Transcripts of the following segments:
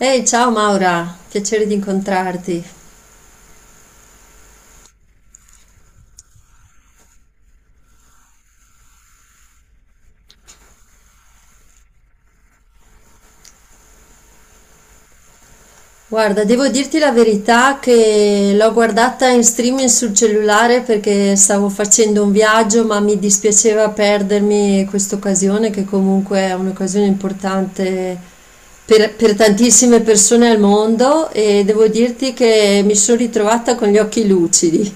Ehi, ciao Maura, piacere di incontrarti. Guarda, devo dirti la verità che l'ho guardata in streaming sul cellulare perché stavo facendo un viaggio, ma mi dispiaceva perdermi questa occasione, che comunque è un'occasione importante per tantissime persone al mondo, e devo dirti che mi sono ritrovata con gli occhi lucidi.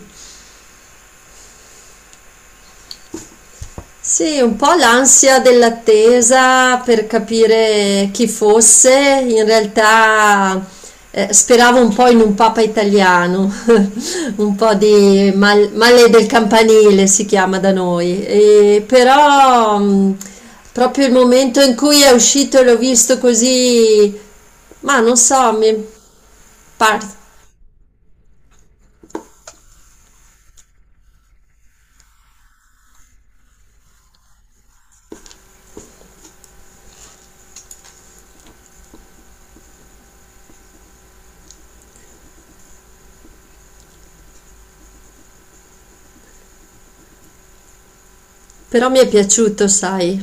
Sì, un po' l'ansia dell'attesa per capire chi fosse, in realtà speravo un po' in un papa italiano, un po' di male del campanile si chiama da noi, e però proprio il momento in cui è uscito e l'ho visto così, ma non so, par- però mi è piaciuto, sai,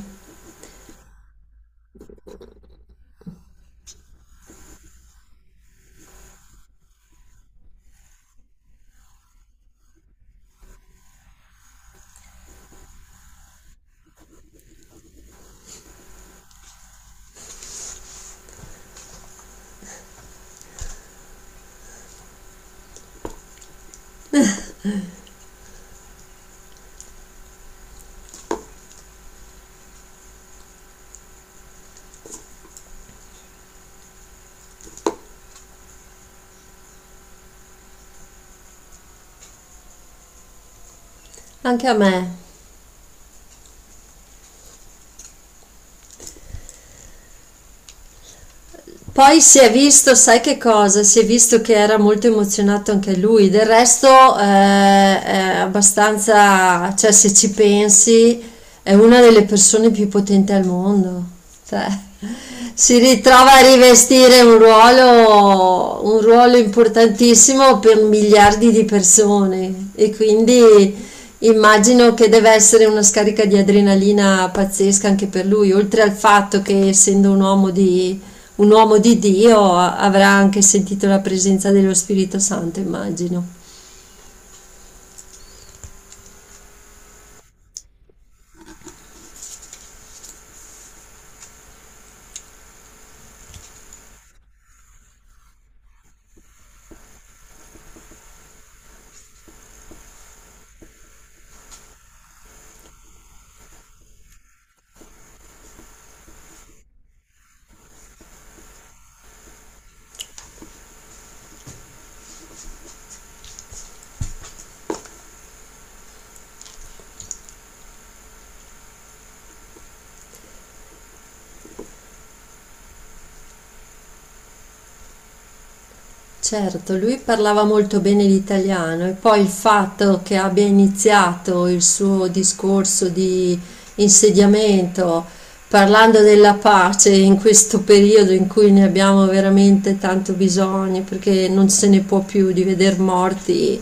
anche a me. Poi si è visto, sai che cosa? Si è visto che era molto emozionato anche lui. Del resto, è abbastanza, cioè, se ci pensi, è una delle persone più potenti al mondo. Cioè, si ritrova a rivestire un ruolo importantissimo per miliardi di persone e quindi immagino che deve essere una scarica di adrenalina pazzesca anche per lui, oltre al fatto che essendo un uomo di Dio avrà anche sentito la presenza dello Spirito Santo, immagino. Certo, lui parlava molto bene l'italiano e poi il fatto che abbia iniziato il suo discorso di insediamento parlando della pace in questo periodo in cui ne abbiamo veramente tanto bisogno, perché non se ne può più di veder morti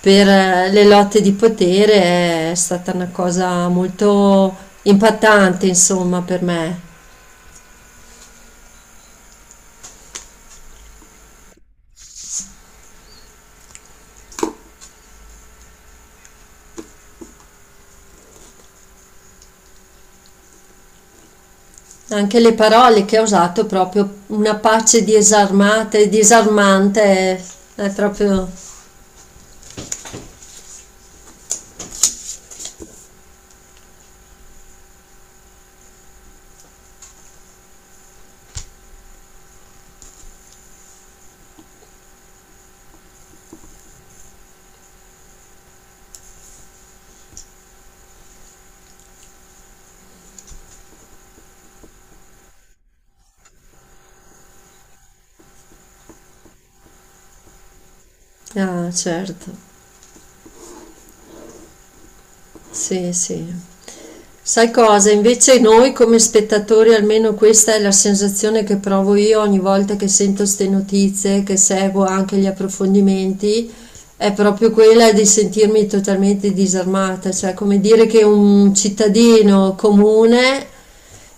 per le lotte di potere, è stata una cosa molto impattante, insomma, per me. Anche le parole che ha usato, proprio una pace disarmata e disarmante, è proprio... Ah, certo, sì, sì. Sai cosa? Invece noi come spettatori, almeno questa è la sensazione che provo io ogni volta che sento ste notizie, che seguo anche gli approfondimenti, è proprio quella di sentirmi totalmente disarmata, cioè come dire che un cittadino comune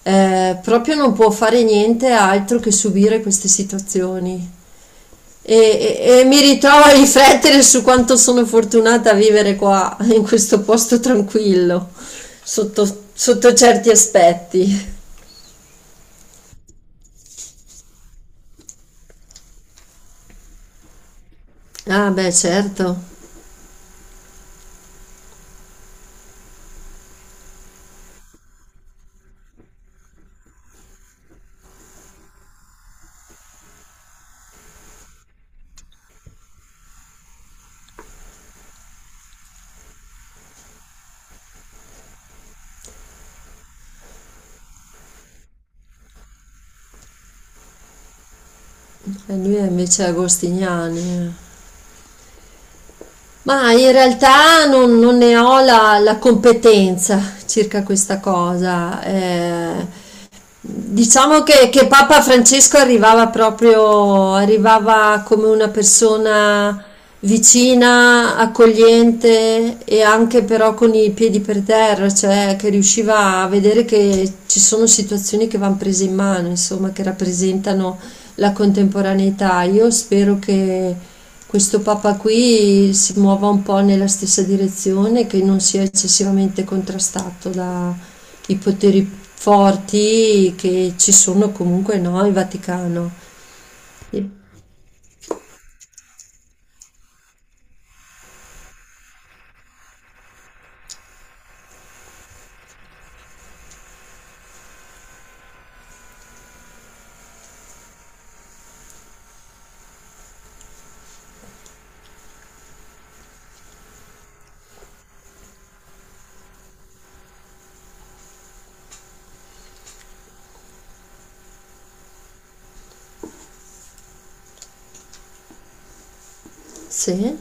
proprio non può fare niente altro che subire queste situazioni. E, e mi ritrovo a riflettere su quanto sono fortunata a vivere qua, in questo posto tranquillo, sotto certi aspetti. Ah, beh, certo, e lui è invece agostiniani. Ma in realtà non ne ho la competenza circa questa cosa. Diciamo che Papa Francesco arrivava come una persona vicina, accogliente e anche però con i piedi per terra, cioè che riusciva a vedere che ci sono situazioni che vanno prese in mano, insomma, che rappresentano la contemporaneità. Io spero che questo Papa qui si muova un po' nella stessa direzione, che non sia eccessivamente contrastato da i poteri forti che ci sono comunque no, in Vaticano. E- Sì,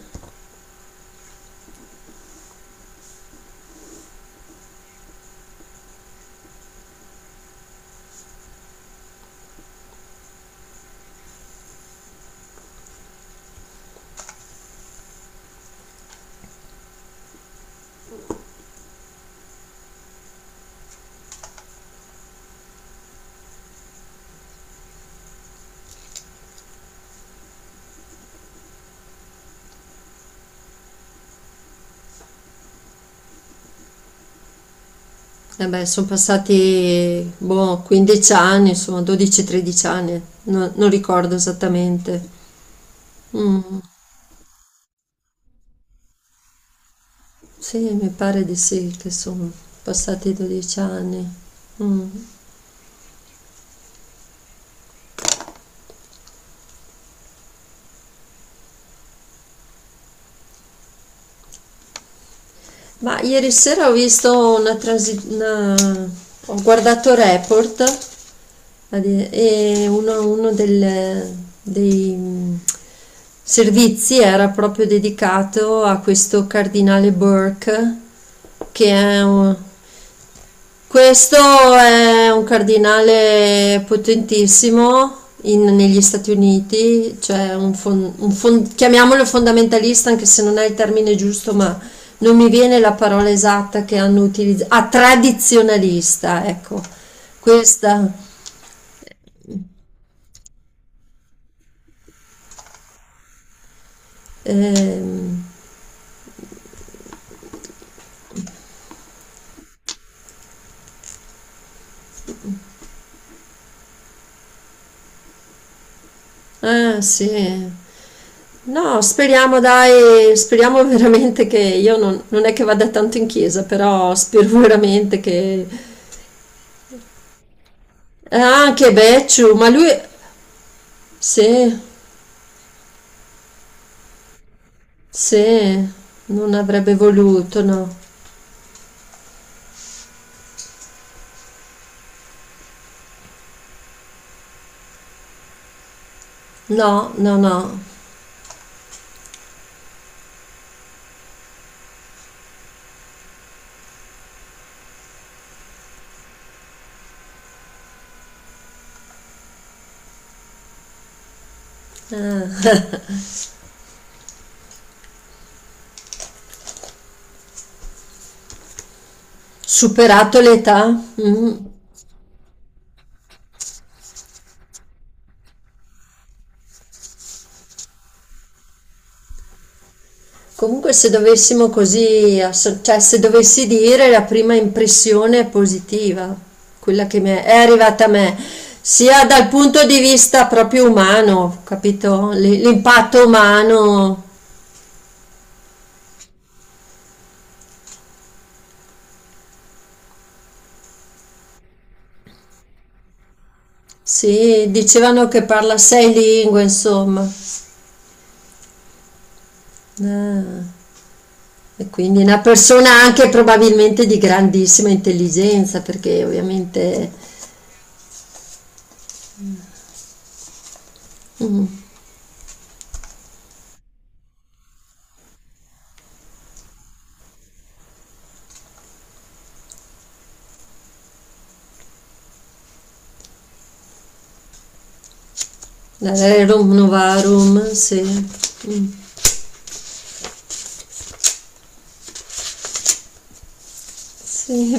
eh beh, sono passati boh, 15 anni, insomma 12-13 anni, non ricordo esattamente. Mm, sì, mi pare di sì che sono passati 12 anni. Mm. Ma ieri sera ho visto una transi- una- ho guardato Report. E uno dei servizi era proprio dedicato a questo cardinale Burke, che è un, questo è un cardinale potentissimo negli Stati Uniti, cioè chiamiamolo fondamentalista, anche se non è il termine giusto, ma non mi viene la parola esatta che hanno utilizzato. Ah, tradizionalista, ecco, questa. Ehm, eh sì. No, speriamo dai, speriamo veramente che io non, non è che vada tanto in chiesa, però spero veramente che... anche Becciu, ma lui... Sì, sì, non avrebbe voluto, no. No, no, no. Eh, superato l'età. Mm. Comunque se dovessimo cioè se dovessi dire la prima impressione è positiva, quella che mi è arrivata a me, sia dal punto di vista proprio umano, capito? L'impatto umano, sì, dicevano che parla 6 lingue, insomma. Ah, e quindi una persona anche probabilmente di grandissima intelligenza, perché ovviamente rerum novarum, sì. Mm, sì.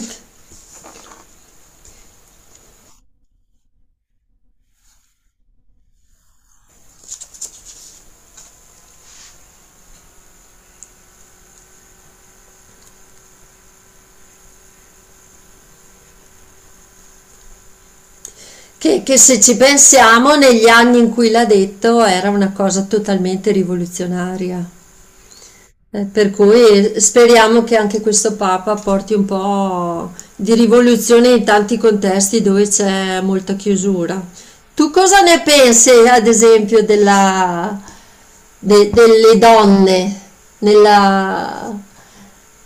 Che se ci pensiamo, negli anni in cui l'ha detto era una cosa totalmente rivoluzionaria. Per cui speriamo che anche questo Papa porti un po' di rivoluzione in tanti contesti dove c'è molta chiusura. Tu cosa ne pensi, ad esempio, della, delle donne, nella,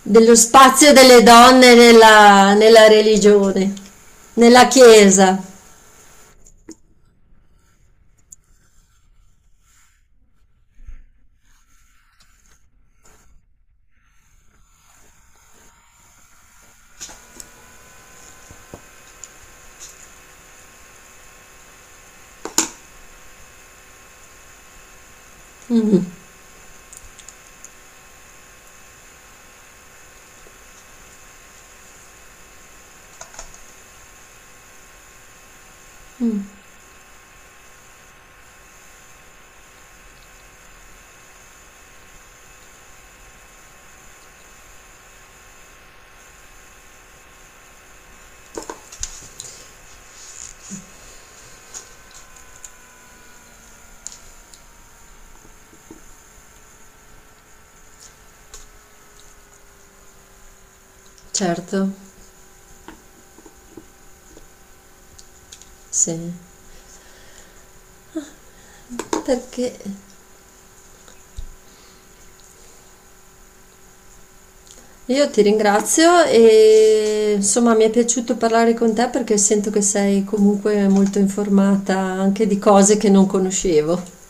dello spazio delle donne nella, nella religione, nella Chiesa? Mm. Mm. Certo, sì, perché io ti ringrazio e insomma mi è piaciuto parlare con te perché sento che sei comunque molto informata anche di cose che non conoscevo.